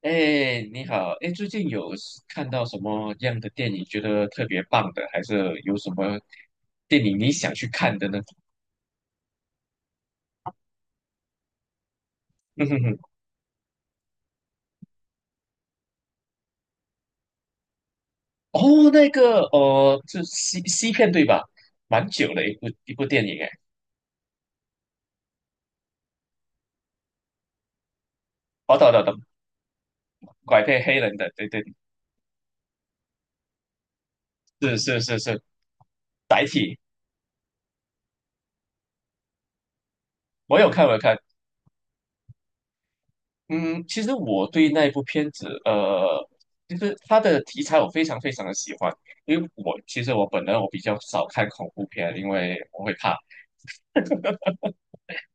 哎，你好，哎，最近有是看到什么样的电影觉得特别棒的，还是有什么电影你想去看的呢？嗯哼哼，哦，那个，是西片对吧？蛮久了一部电影，哎，哦，懂懂懂，拐骗黑人的，对对，是是是是，载体，我有看，嗯，其实我对那一部片子，呃，就是它的题材我非常非常的喜欢，因为我其实我本人我比较少看恐怖片，因为我会怕。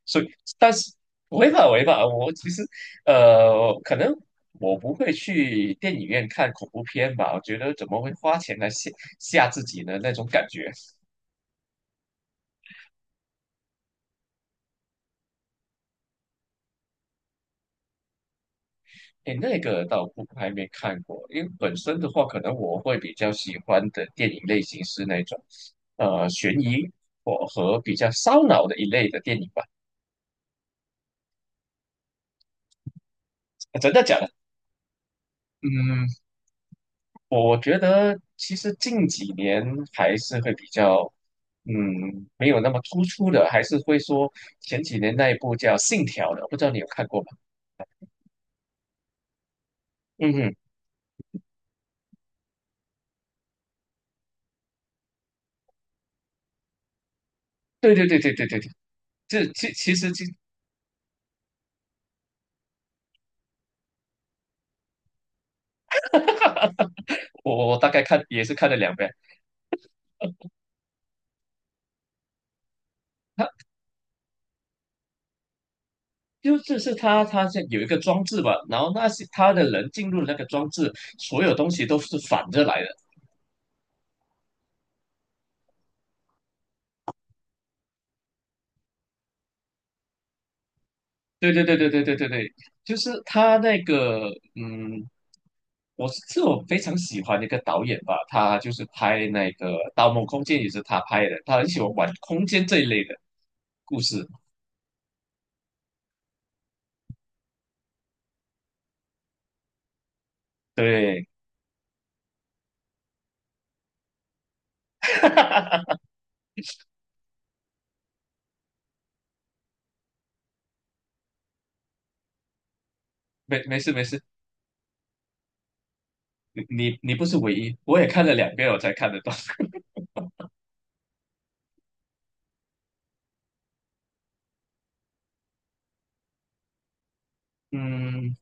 所以，但是违法，我其实可能我不会去电影院看恐怖片吧，我觉得怎么会花钱来吓吓自己呢？那种感觉，哎，那个倒不还没看过，因为本身的话，可能我会比较喜欢的电影类型是那种悬疑或和比较烧脑的一类的电影吧。啊真的假的？嗯，我觉得其实近几年还是会比较，嗯，没有那么突出的，还是会说前几年那一部叫《信条》的，不知道你有看过吗？嗯哼，对对对对对对对，这其实我大概看也是看了两遍，他就就是他他是有一个装置吧，然后那些他的人进入那个装置，所有东西都是反着来的。对对对对对对对对，就是他那个，嗯，我是是我非常喜欢的一个导演吧，他就是拍那个《盗梦空间》也是他拍的，他很喜欢玩空间这一类的故事。对，没事，你不是唯一，我也看了两遍我才看得到。嗯，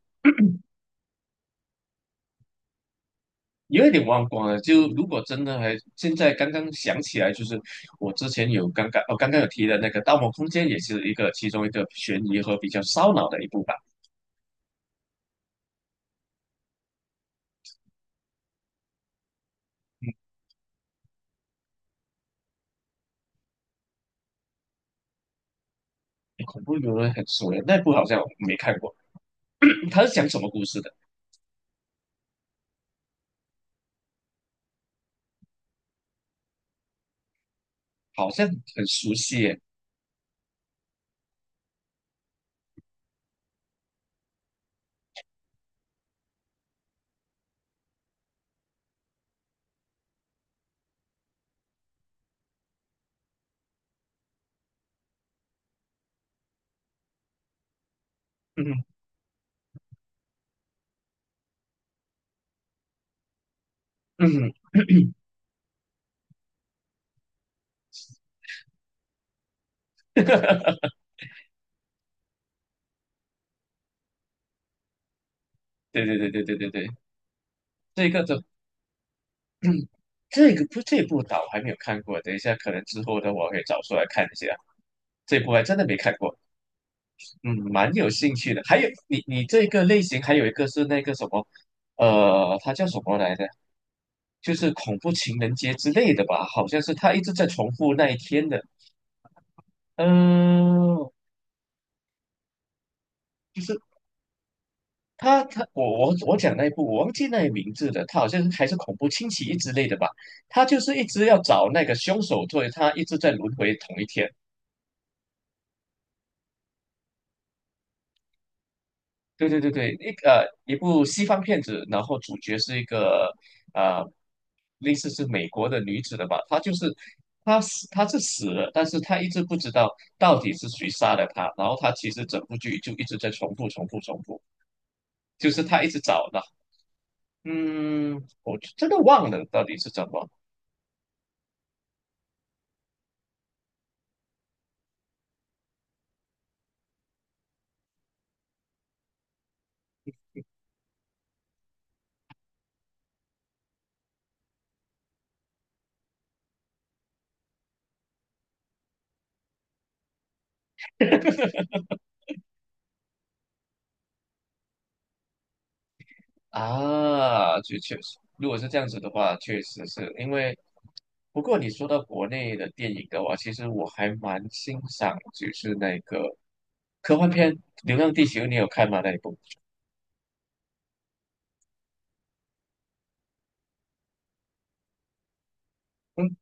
有一点忘光了。就如果真的还现在刚刚想起来，就是我之前有刚刚哦刚刚有提的那个《盗梦空间》也是一个其中一个悬疑和比较烧脑的一部吧。恐怖游轮很熟耶，那部好像我没看过。他是讲什么故事的？好像很熟悉耶。嗯嗯，对对对对对对对，这个的这个不这部倒还没有看过，等一下可能之后的我可以找出来看一下。这部还真的没看过，嗯，蛮有兴趣的。还有你这个类型还有一个是那个什么，呃，它叫什么来着？就是恐怖情人节之类的吧，好像是他一直在重复那一天的。嗯、他他我我我讲那一部我忘记那个名字了，他好像是还是恐怖侵袭一之类的吧。他就是一直要找那个凶手，作为他一直在轮回同一天。对对对对，一部西方片子，然后主角是一个呃类似是美国的女子的吧，她就是她死她是死了，但是她一直不知道到底是谁杀了她，然后她其实整部剧就一直在重复重复重复，就是她一直找的，嗯，我真的忘了到底是怎么。啊，就确实，如果是这样子的话，确实是因为。不过你说到国内的电影的话，其实我还蛮欣赏，就是那个科幻片《流浪地球》，你有看吗？那一部？嗯，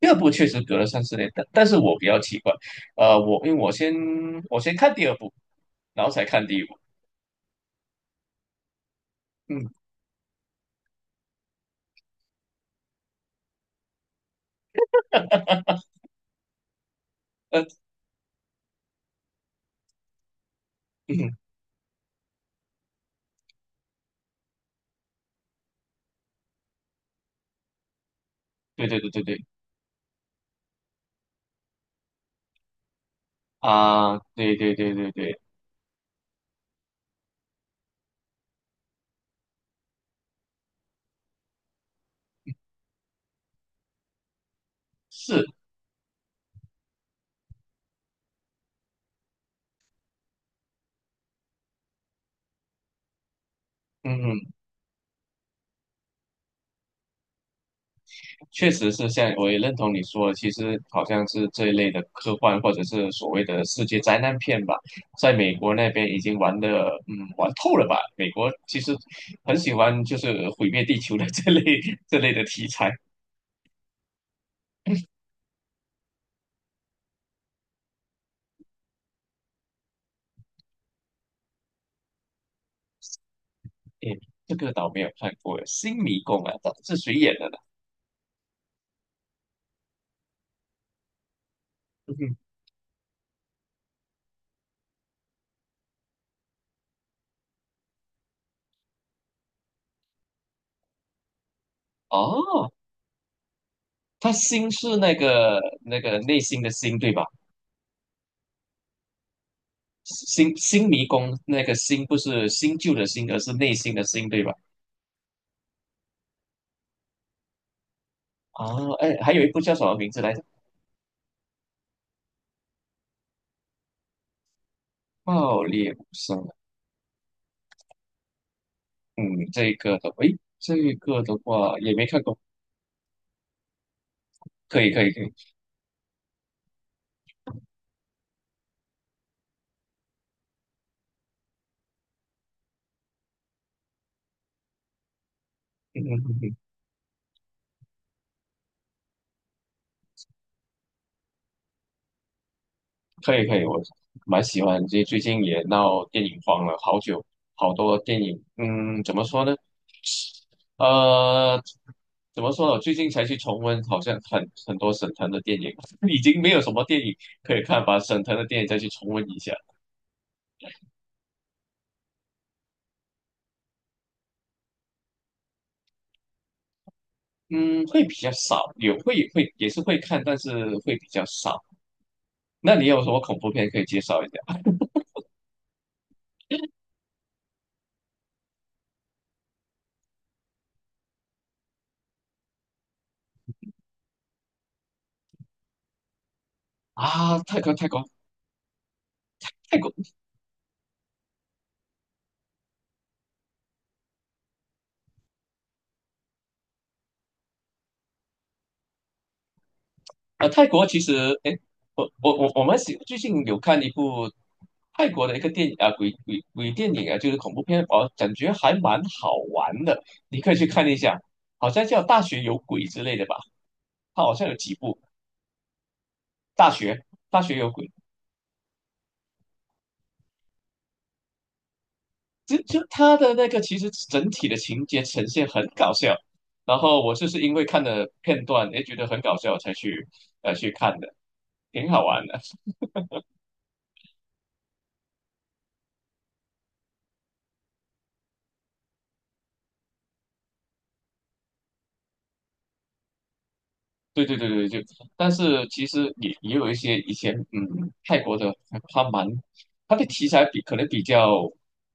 第二部确实隔了三四年，但是我比较奇怪，呃，我因为我先我先看第二部，然后才看第一部。嗯，呃，嗯，对对对对对，啊，对对对对对，是，嗯。确实是像我也认同你说的，其实好像是这一类的科幻或者是所谓的世界灾难片吧，在美国那边已经玩的，嗯，玩透了吧？美国其实很喜欢就是毁灭地球的这类 这类的题材。诶，这个倒没有看过，《新迷宫》啊，这是谁演的呢？嗯哼，哦，他新是那个内心的心，对吧？新迷宫那个新不是新旧的新，而是内心的心，对吧？哦，哎，还有一部叫什么名字来？着？爆裂无声，嗯，这个的，诶，这个的话也没看过，可以可以可以，嗯嗯嗯嗯，可以可以，我蛮喜欢，这最近也闹电影荒了，好久好多电影，嗯，怎么说呢？呃，怎么说呢？我最近才去重温，好像很多沈腾的电影，已经没有什么电影可以看，把沈腾的电影再去重温一下，嗯，会比较少，会也是会看，但是会比较少。那你有什么恐怖片可以介绍一下？啊，泰国泰国其实，哎，我们最近有看一部泰国的一个电影啊，鬼电影啊，就是恐怖片，哦，感觉还蛮好玩的，你可以去看一下，好像叫《大学有鬼》之类的吧，它好像有几部《大学》《大学有鬼》，就它的那个其实整体的情节呈现很搞笑，然后我就是因为看了片段，哎，觉得很搞笑才去去看的，挺好玩的。对对对对，就，但是其实也有一些以前，嗯，泰国的他蛮他的题材可能比较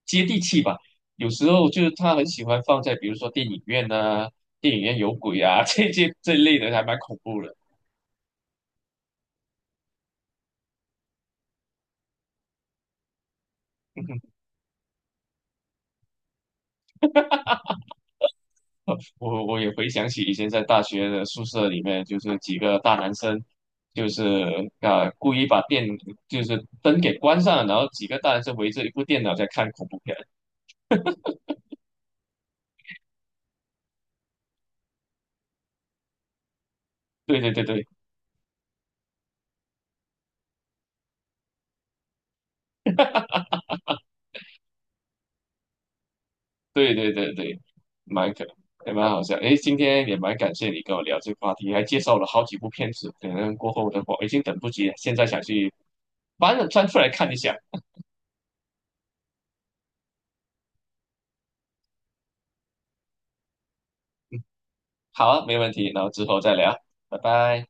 接地气吧，有时候就是他很喜欢放在比如说电影院呐、电影院有鬼啊 这些这一类的，还蛮恐怖的。我也回想起以前在大学的宿舍里面，就是几个大男生，就是啊、故意把电就是灯给关上，然后几个大男生围着一部电脑在看恐怖片。对对对对。对对对对，蛮可也蛮好笑。诶，今天也蛮感谢你跟我聊这个话题，还介绍了好几部片子。可能过后的话，我已经等不及了，现在想去翻翻出来看一下。好啊，没问题，然后之后再聊，拜拜。